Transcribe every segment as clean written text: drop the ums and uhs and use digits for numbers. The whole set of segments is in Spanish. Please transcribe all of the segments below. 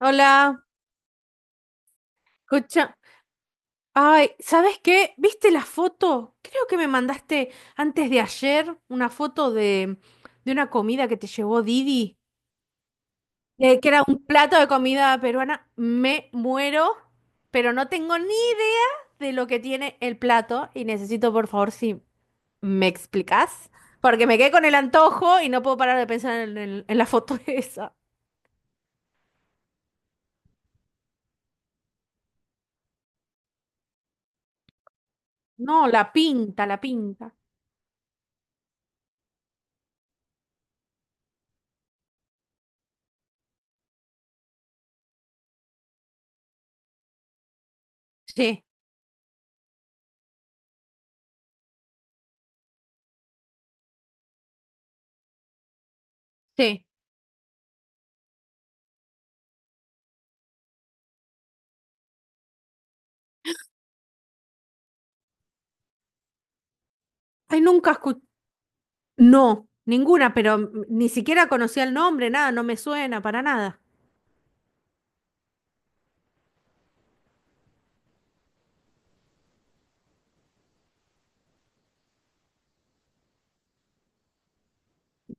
Hola, escucha. Ay, ¿sabes qué? ¿Viste la foto? Creo que me mandaste antes de ayer una foto de una comida que te llevó Didi, que era un plato de comida peruana. Me muero, pero no tengo ni idea de lo que tiene el plato y necesito, por favor, si me explicas, porque me quedé con el antojo y no puedo parar de pensar en, en la foto esa. No, la pinta, la pinta. Sí, sí. Ay, nunca. No, ninguna, pero ni siquiera conocía el nombre, nada, no me suena para nada.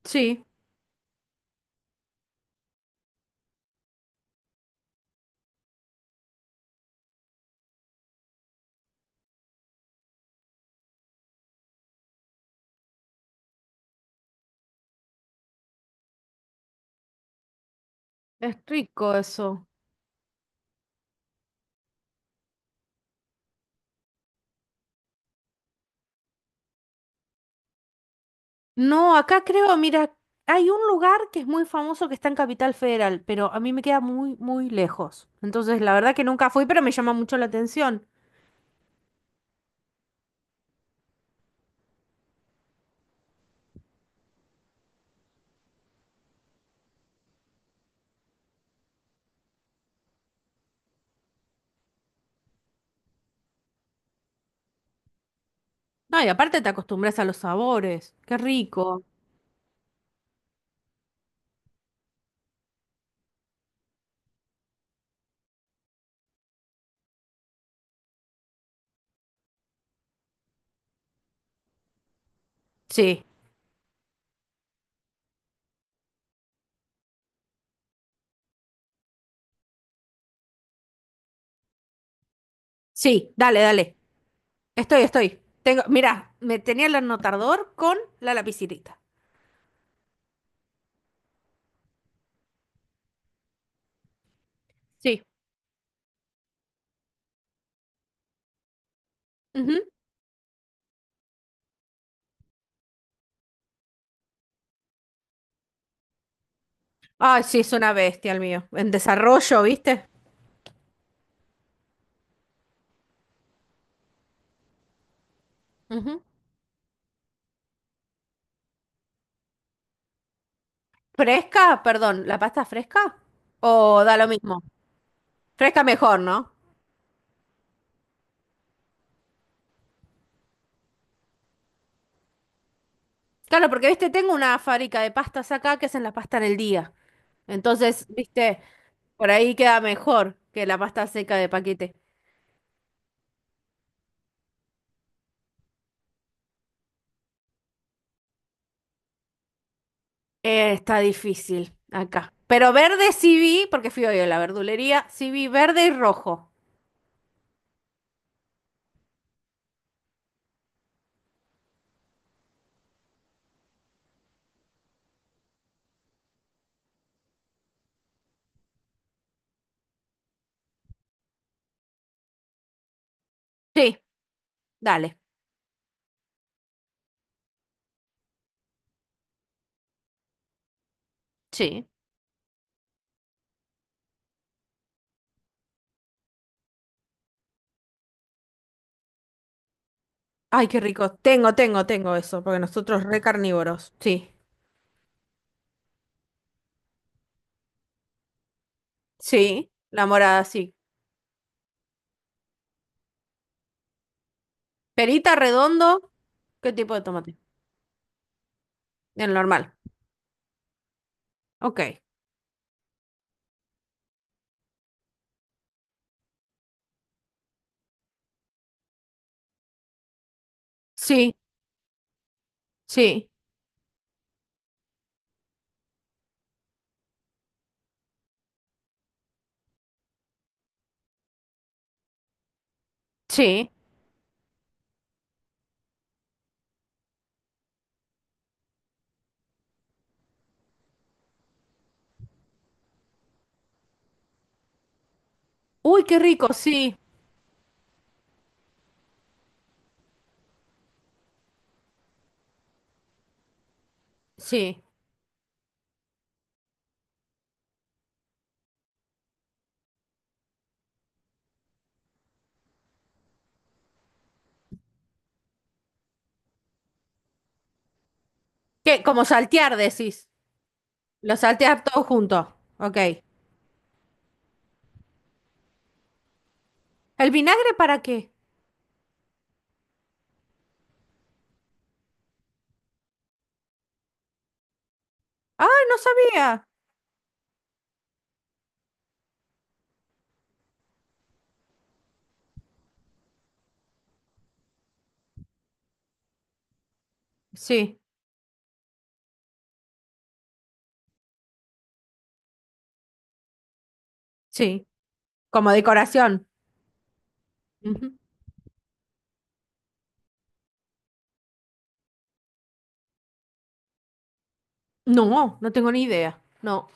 Sí, es rico eso. No, acá creo, mira, hay un lugar que es muy famoso que está en Capital Federal, pero a mí me queda muy, muy lejos. Entonces, la verdad que nunca fui, pero me llama mucho la atención. No, y aparte te acostumbras a los sabores. Qué rico. Sí, sí, dale, dale. Estoy, estoy. Tengo, mira, me tenía el anotador con la lapicita. Sí. Ujú. Ay, sí, es una bestia el mío. En desarrollo, ¿viste? Ujú. ¿Fresca? Perdón, ¿la pasta fresca? ¿O da lo mismo? Fresca mejor, ¿no? Claro, porque, viste, tengo una fábrica de pastas acá que hacen la pasta en el día. Entonces, viste, por ahí queda mejor que la pasta seca de paquete. Está difícil acá. Pero verde sí vi, porque fui hoy a la verdulería, sí vi verde y rojo. Sí, dale. Sí. Ay, qué rico. Tengo, tengo, tengo eso, porque nosotros re carnívoros. Sí. Sí, la morada, sí. Perita redondo, ¿qué tipo de tomate? El normal. Ok. Sí, sí, sí. Uy, qué rico, sí, sí. ¿Qué? Como saltear, decís. Lo saltear todo junto. Ok. ¿El vinagre para qué? Ah, no sabía. Sí, sí. Como decoración. Ujú. No, no tengo ni idea. No.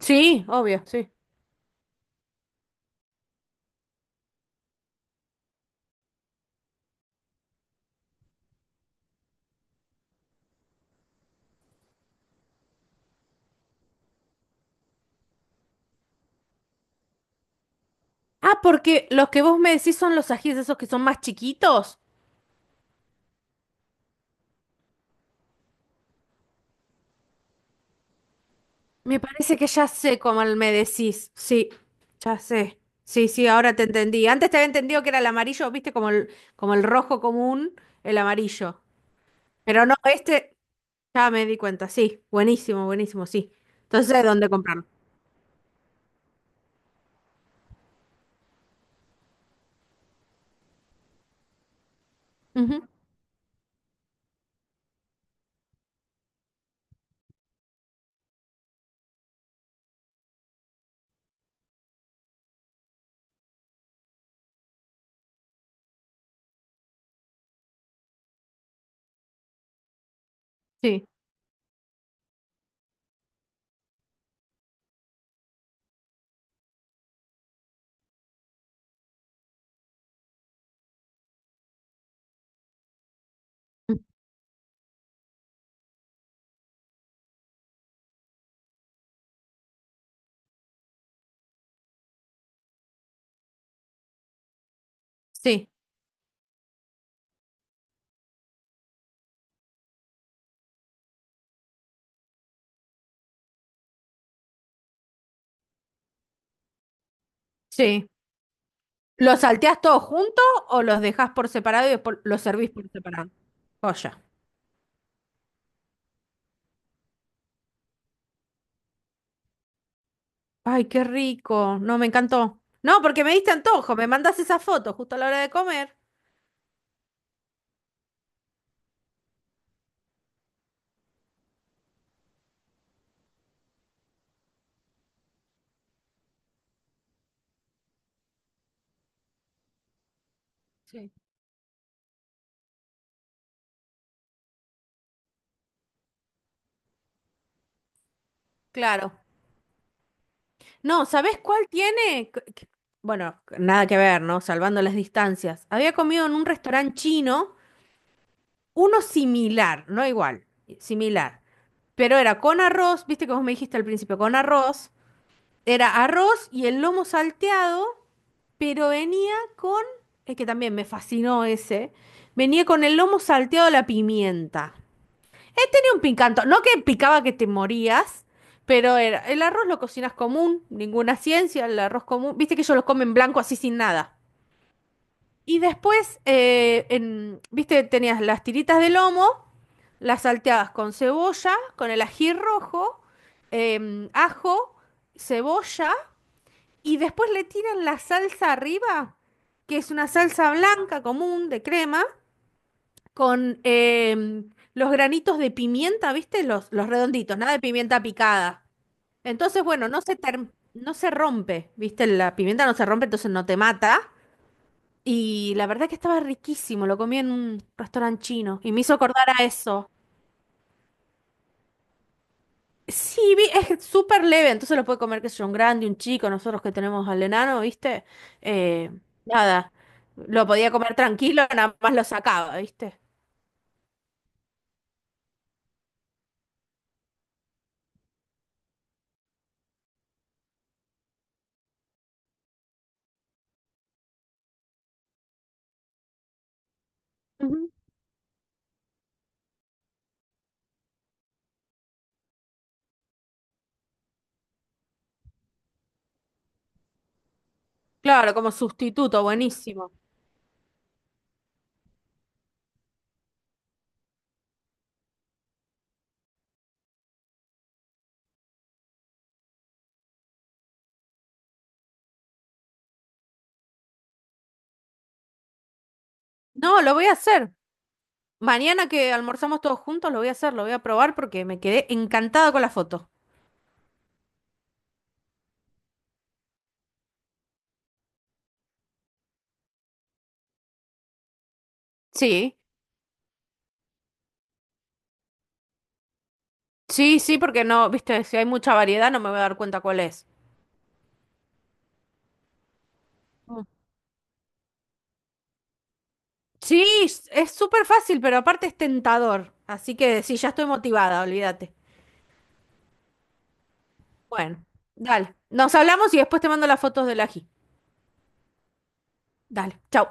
Sí, obvio, sí. Ah, porque los que vos me decís son los ajíes esos que son más chiquitos. Me parece que ya sé cómo me decís. Sí, ya sé. Sí, sí, ahora te entendí. Antes te había entendido que era el amarillo, viste, como el rojo común, el amarillo. Pero no, este ya me di cuenta. Sí, buenísimo, buenísimo, sí. Entonces, ¿dónde comprarlo? Ujú. Sí, ujú, sí, sí. ¿Los salteás todos juntos o los dejás por separado y después los servís por separado? Joya. Ay, qué rico. No, me encantó. No, porque me diste antojo. Me mandás esa foto justo a la hora de comer. Sí. Claro. No, ¿sabés cuál tiene? Bueno, nada que ver, ¿no? Salvando las distancias. Había comido en un restaurante chino, uno similar, no igual, similar. Pero era con arroz, viste que vos me dijiste al principio, con arroz. Era arroz y el lomo salteado, pero venía con, es que también me fascinó ese, venía con el lomo salteado a la pimienta un picanto. No que picaba que te morías, pero era, el arroz lo cocinas común, ninguna ciencia, el arroz común. Viste que ellos lo comen blanco así sin nada. Y después, viste, tenías las tiritas de lomo, las salteabas con cebolla, con el ají rojo, ajo, cebolla, y después le tiran la salsa arriba, que es una salsa blanca común de crema, con los granitos de pimienta, ¿viste? Los redonditos, nada de pimienta picada. Entonces, bueno, no se rompe, ¿viste? La pimienta no se rompe, entonces no te mata. Y la verdad que estaba riquísimo, lo comí en un restaurante chino y me hizo acordar a eso. Sí, es súper leve, entonces lo puede comer, qué sé yo, un grande, un chico, nosotros que tenemos al enano, ¿viste? Eh, nada, lo podía comer tranquilo, nada más lo sacaba, ¿viste? Ujú. Claro, como sustituto, buenísimo. No, lo voy a hacer. Mañana que almorzamos todos juntos, lo voy a hacer, lo voy a probar porque me quedé encantada con la foto. Sí, sí, sí, porque no, viste, si hay mucha variedad no me voy a dar cuenta cuál es. Mm. Sí, es súper fácil, pero aparte es tentador. Así que sí, ya estoy motivada, olvídate. Bueno, dale. Nos hablamos y después te mando las fotos del ají. Dale, chau.